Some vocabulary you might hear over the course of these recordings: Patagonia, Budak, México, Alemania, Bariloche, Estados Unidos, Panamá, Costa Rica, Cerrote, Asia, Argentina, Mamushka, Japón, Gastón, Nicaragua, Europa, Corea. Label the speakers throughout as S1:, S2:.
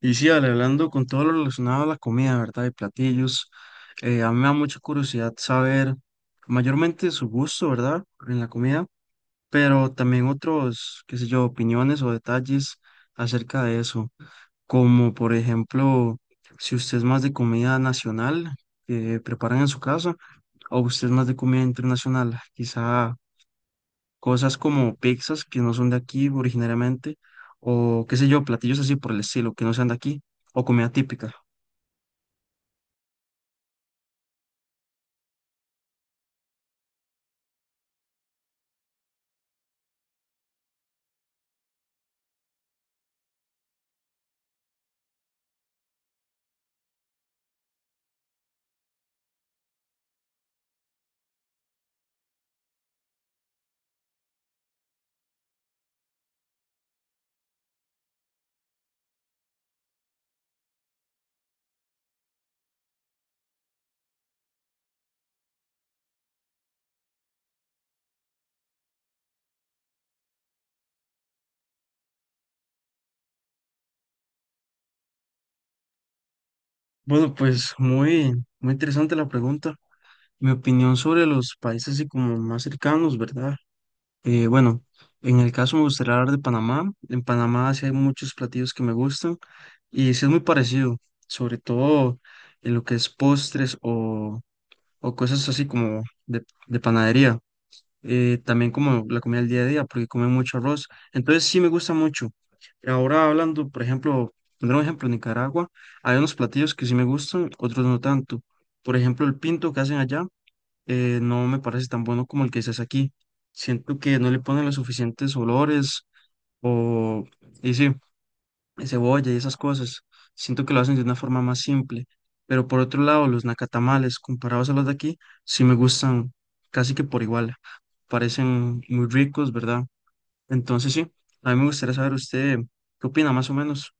S1: Y sí, Ale, hablando con todo lo relacionado a la comida, ¿verdad? Y platillos, a mí me da mucha curiosidad saber mayormente su gusto, ¿verdad? En la comida, pero también otros, qué sé yo, opiniones o detalles acerca de eso, como por ejemplo, si usted es más de comida nacional que preparan en su casa, o usted es más de comida internacional, quizá cosas como pizzas que no son de aquí originariamente, o qué sé yo, platillos así por el estilo, que no sean de aquí, o comida típica. Bueno, pues muy interesante la pregunta. Mi opinión sobre los países así como más cercanos, ¿verdad? Bueno, en el caso me gustaría hablar de Panamá. En Panamá sí hay muchos platillos que me gustan y sí es muy parecido, sobre todo en lo que es postres o cosas así como de panadería, también como la comida del día a día, porque come mucho arroz. Entonces sí me gusta mucho. Ahora hablando, por ejemplo, pondré un ejemplo, en Nicaragua, hay unos platillos que sí me gustan, otros no tanto. Por ejemplo, el pinto que hacen allá no me parece tan bueno como el que se hace aquí. Siento que no le ponen los suficientes olores o... Y sí cebolla y esas cosas. Siento que lo hacen de una forma más simple. Pero por otro lado, los nacatamales, comparados a los de aquí, sí me gustan casi que por igual. Parecen muy ricos, ¿verdad? Entonces sí, a mí me gustaría saber usted qué opina más o menos.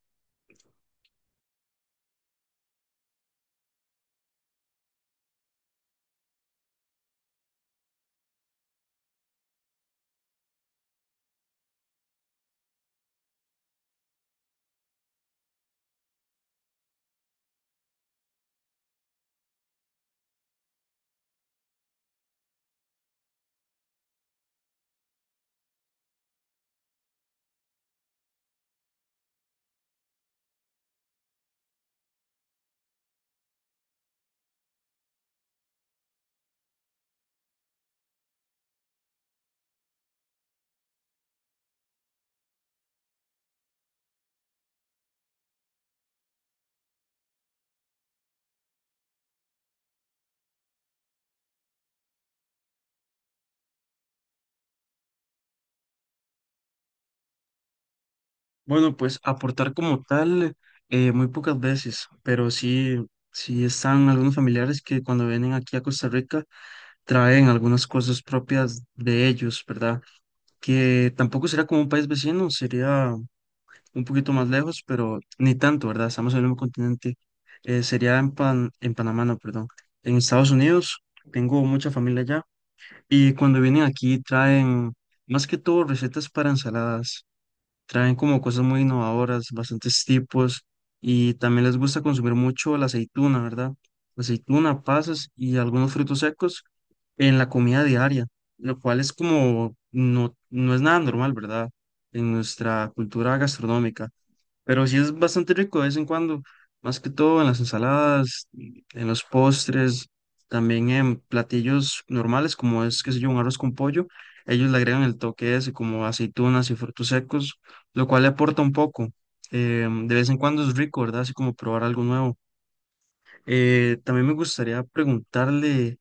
S1: Bueno, pues aportar como tal, muy pocas veces, pero sí, sí están algunos familiares que cuando vienen aquí a Costa Rica traen algunas cosas propias de ellos, ¿verdad? Que tampoco será como un país vecino, sería un poquito más lejos, pero ni tanto, ¿verdad? Estamos en el mismo continente. Sería en, en Panamá, no, perdón. En Estados Unidos, tengo mucha familia allá. Y cuando vienen aquí traen, más que todo, recetas para ensaladas. Traen como cosas muy innovadoras, bastantes tipos. Y también les gusta consumir mucho la aceituna, ¿verdad? Aceituna, pasas y algunos frutos secos en la comida diaria, lo cual es como, no, no es nada normal, ¿verdad? En nuestra cultura gastronómica. Pero sí es bastante rico de vez en cuando, más que todo en las ensaladas, en los postres, también en platillos normales, como es, qué sé yo, un arroz con pollo. Ellos le agregan el toque ese, como aceitunas y frutos secos, lo cual le aporta un poco. De vez en cuando es rico, ¿verdad? Así como probar algo nuevo. También me gustaría preguntarle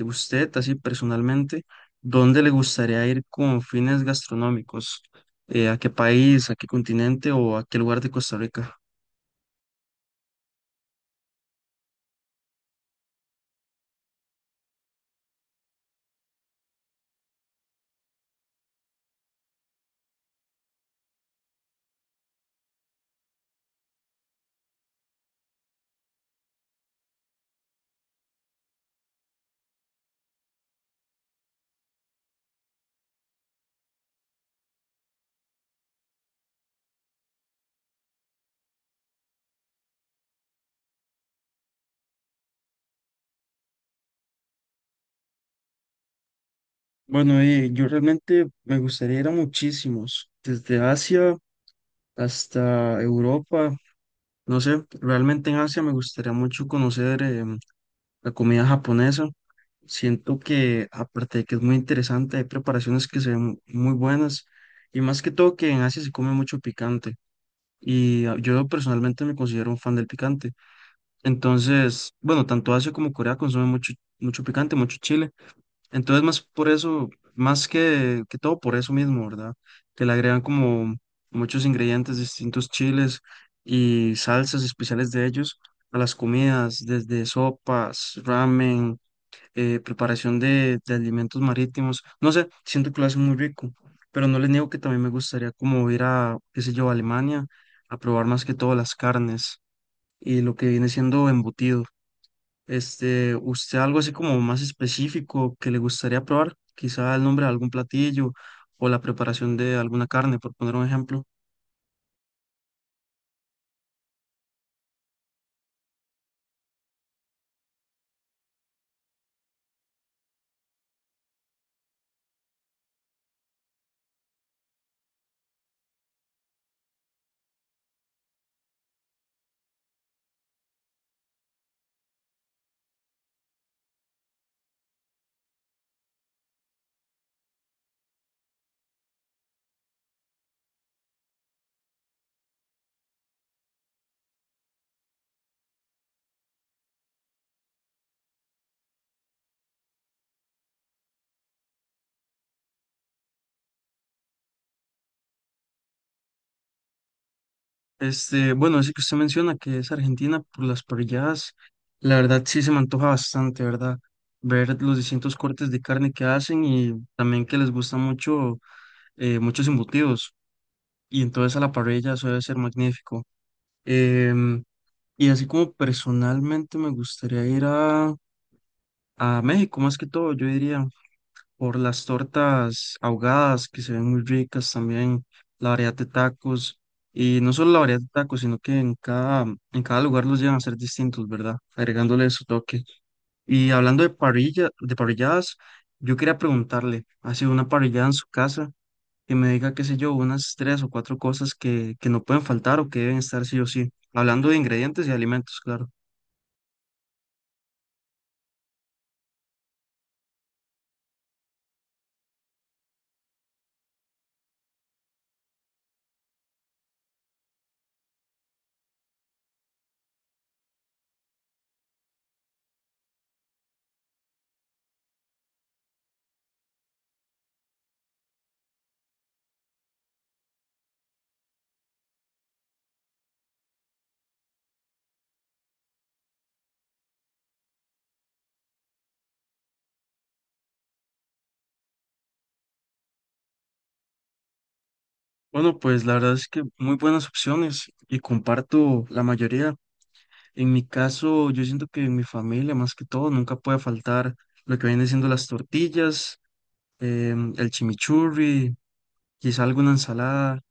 S1: a usted, así personalmente, ¿dónde le gustaría ir con fines gastronómicos? ¿A qué país, a qué continente o a qué lugar de Costa Rica? Bueno, yo realmente me gustaría ir a muchísimos, desde Asia hasta Europa, no sé, realmente en Asia me gustaría mucho conocer la comida japonesa. Siento que aparte de que es muy interesante, hay preparaciones que se ven muy buenas y más que todo que en Asia se come mucho picante y yo personalmente me considero un fan del picante. Entonces, bueno, tanto Asia como Corea consumen mucho picante, mucho chile. Entonces, más por eso, más que todo por eso mismo, ¿verdad? Que le agregan como muchos ingredientes, distintos chiles y salsas especiales de ellos a las comidas, desde sopas, ramen, preparación de alimentos marítimos. No sé, siento que lo hacen muy rico, pero no les niego que también me gustaría como ir a, qué sé yo, a Alemania a probar más que todo las carnes y lo que viene siendo embutidos. Este, ¿usted algo así como más específico que le gustaría probar? Quizá el nombre de algún platillo o la preparación de alguna carne, por poner un ejemplo. Este, bueno, ese que usted menciona que es Argentina por las parrilladas, la verdad sí se me antoja bastante, ¿verdad? Ver los distintos cortes de carne que hacen y también que les gusta mucho, muchos embutidos y entonces a la parrilla eso debe ser magnífico. Em, y así como personalmente me gustaría ir a México más que todo, yo diría, por las tortas ahogadas que se ven muy ricas también, la variedad de tacos y no solo la variedad de tacos, sino que en cada lugar los llevan a ser distintos, ¿verdad? Agregándole su toque. Y hablando de parrilla, de parrilladas, yo quería preguntarle, ¿ha sido una parrillada en su casa? Que me diga, qué sé yo, unas tres o cuatro cosas que no pueden faltar o que deben estar sí o sí. Hablando de ingredientes y alimentos, claro. Bueno, pues la verdad es que muy buenas opciones y comparto la mayoría. En mi caso, yo siento que en mi familia, más que todo, nunca puede faltar lo que vienen siendo las tortillas, el chimichurri, quizá alguna ensalada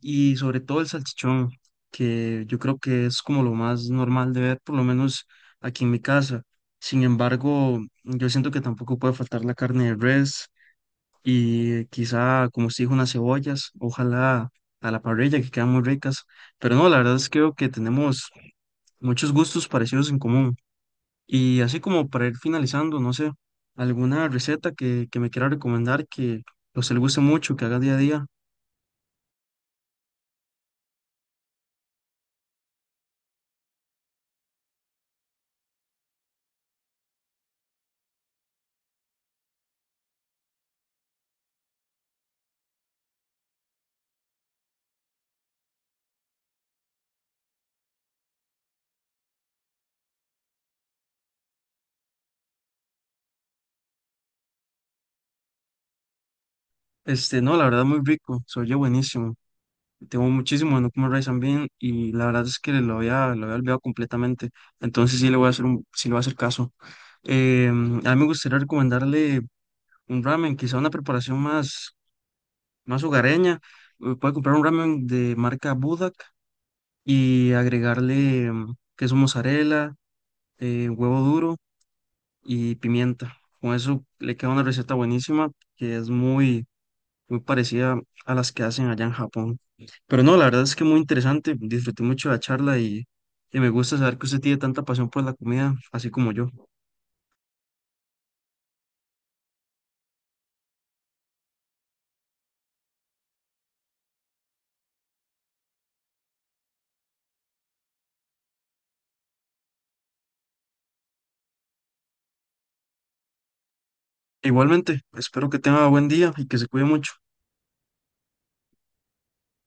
S1: y sobre todo el salchichón, que yo creo que es como lo más normal de ver, por lo menos aquí en mi casa. Sin embargo, yo siento que tampoco puede faltar la carne de res y quizá, como se dijo, unas cebollas, ojalá a la parrilla, que quedan muy ricas. Pero no, la verdad es que creo que tenemos muchos gustos parecidos en común. Y así como para ir finalizando, no sé, alguna receta que me quiera recomendar que o se le guste mucho, que haga día a día. Este, no, la verdad muy rico, se oye buenísimo. Tengo muchísimo de no comer rice and bean y la verdad es que lo había olvidado completamente. Entonces sí le voy a hacer un, sí le voy a hacer caso. A mí me gustaría recomendarle un ramen, quizá una preparación más, más hogareña. Puede comprar un ramen de marca Budak y agregarle queso mozzarella, huevo duro y pimienta. Con eso le queda una receta buenísima que es muy parecida a las que hacen allá en Japón. Pero no, la verdad es que muy interesante. Disfruté mucho la charla y me gusta saber que usted tiene tanta pasión por la comida, así como yo. Igualmente, espero que tenga buen día y que se cuide mucho.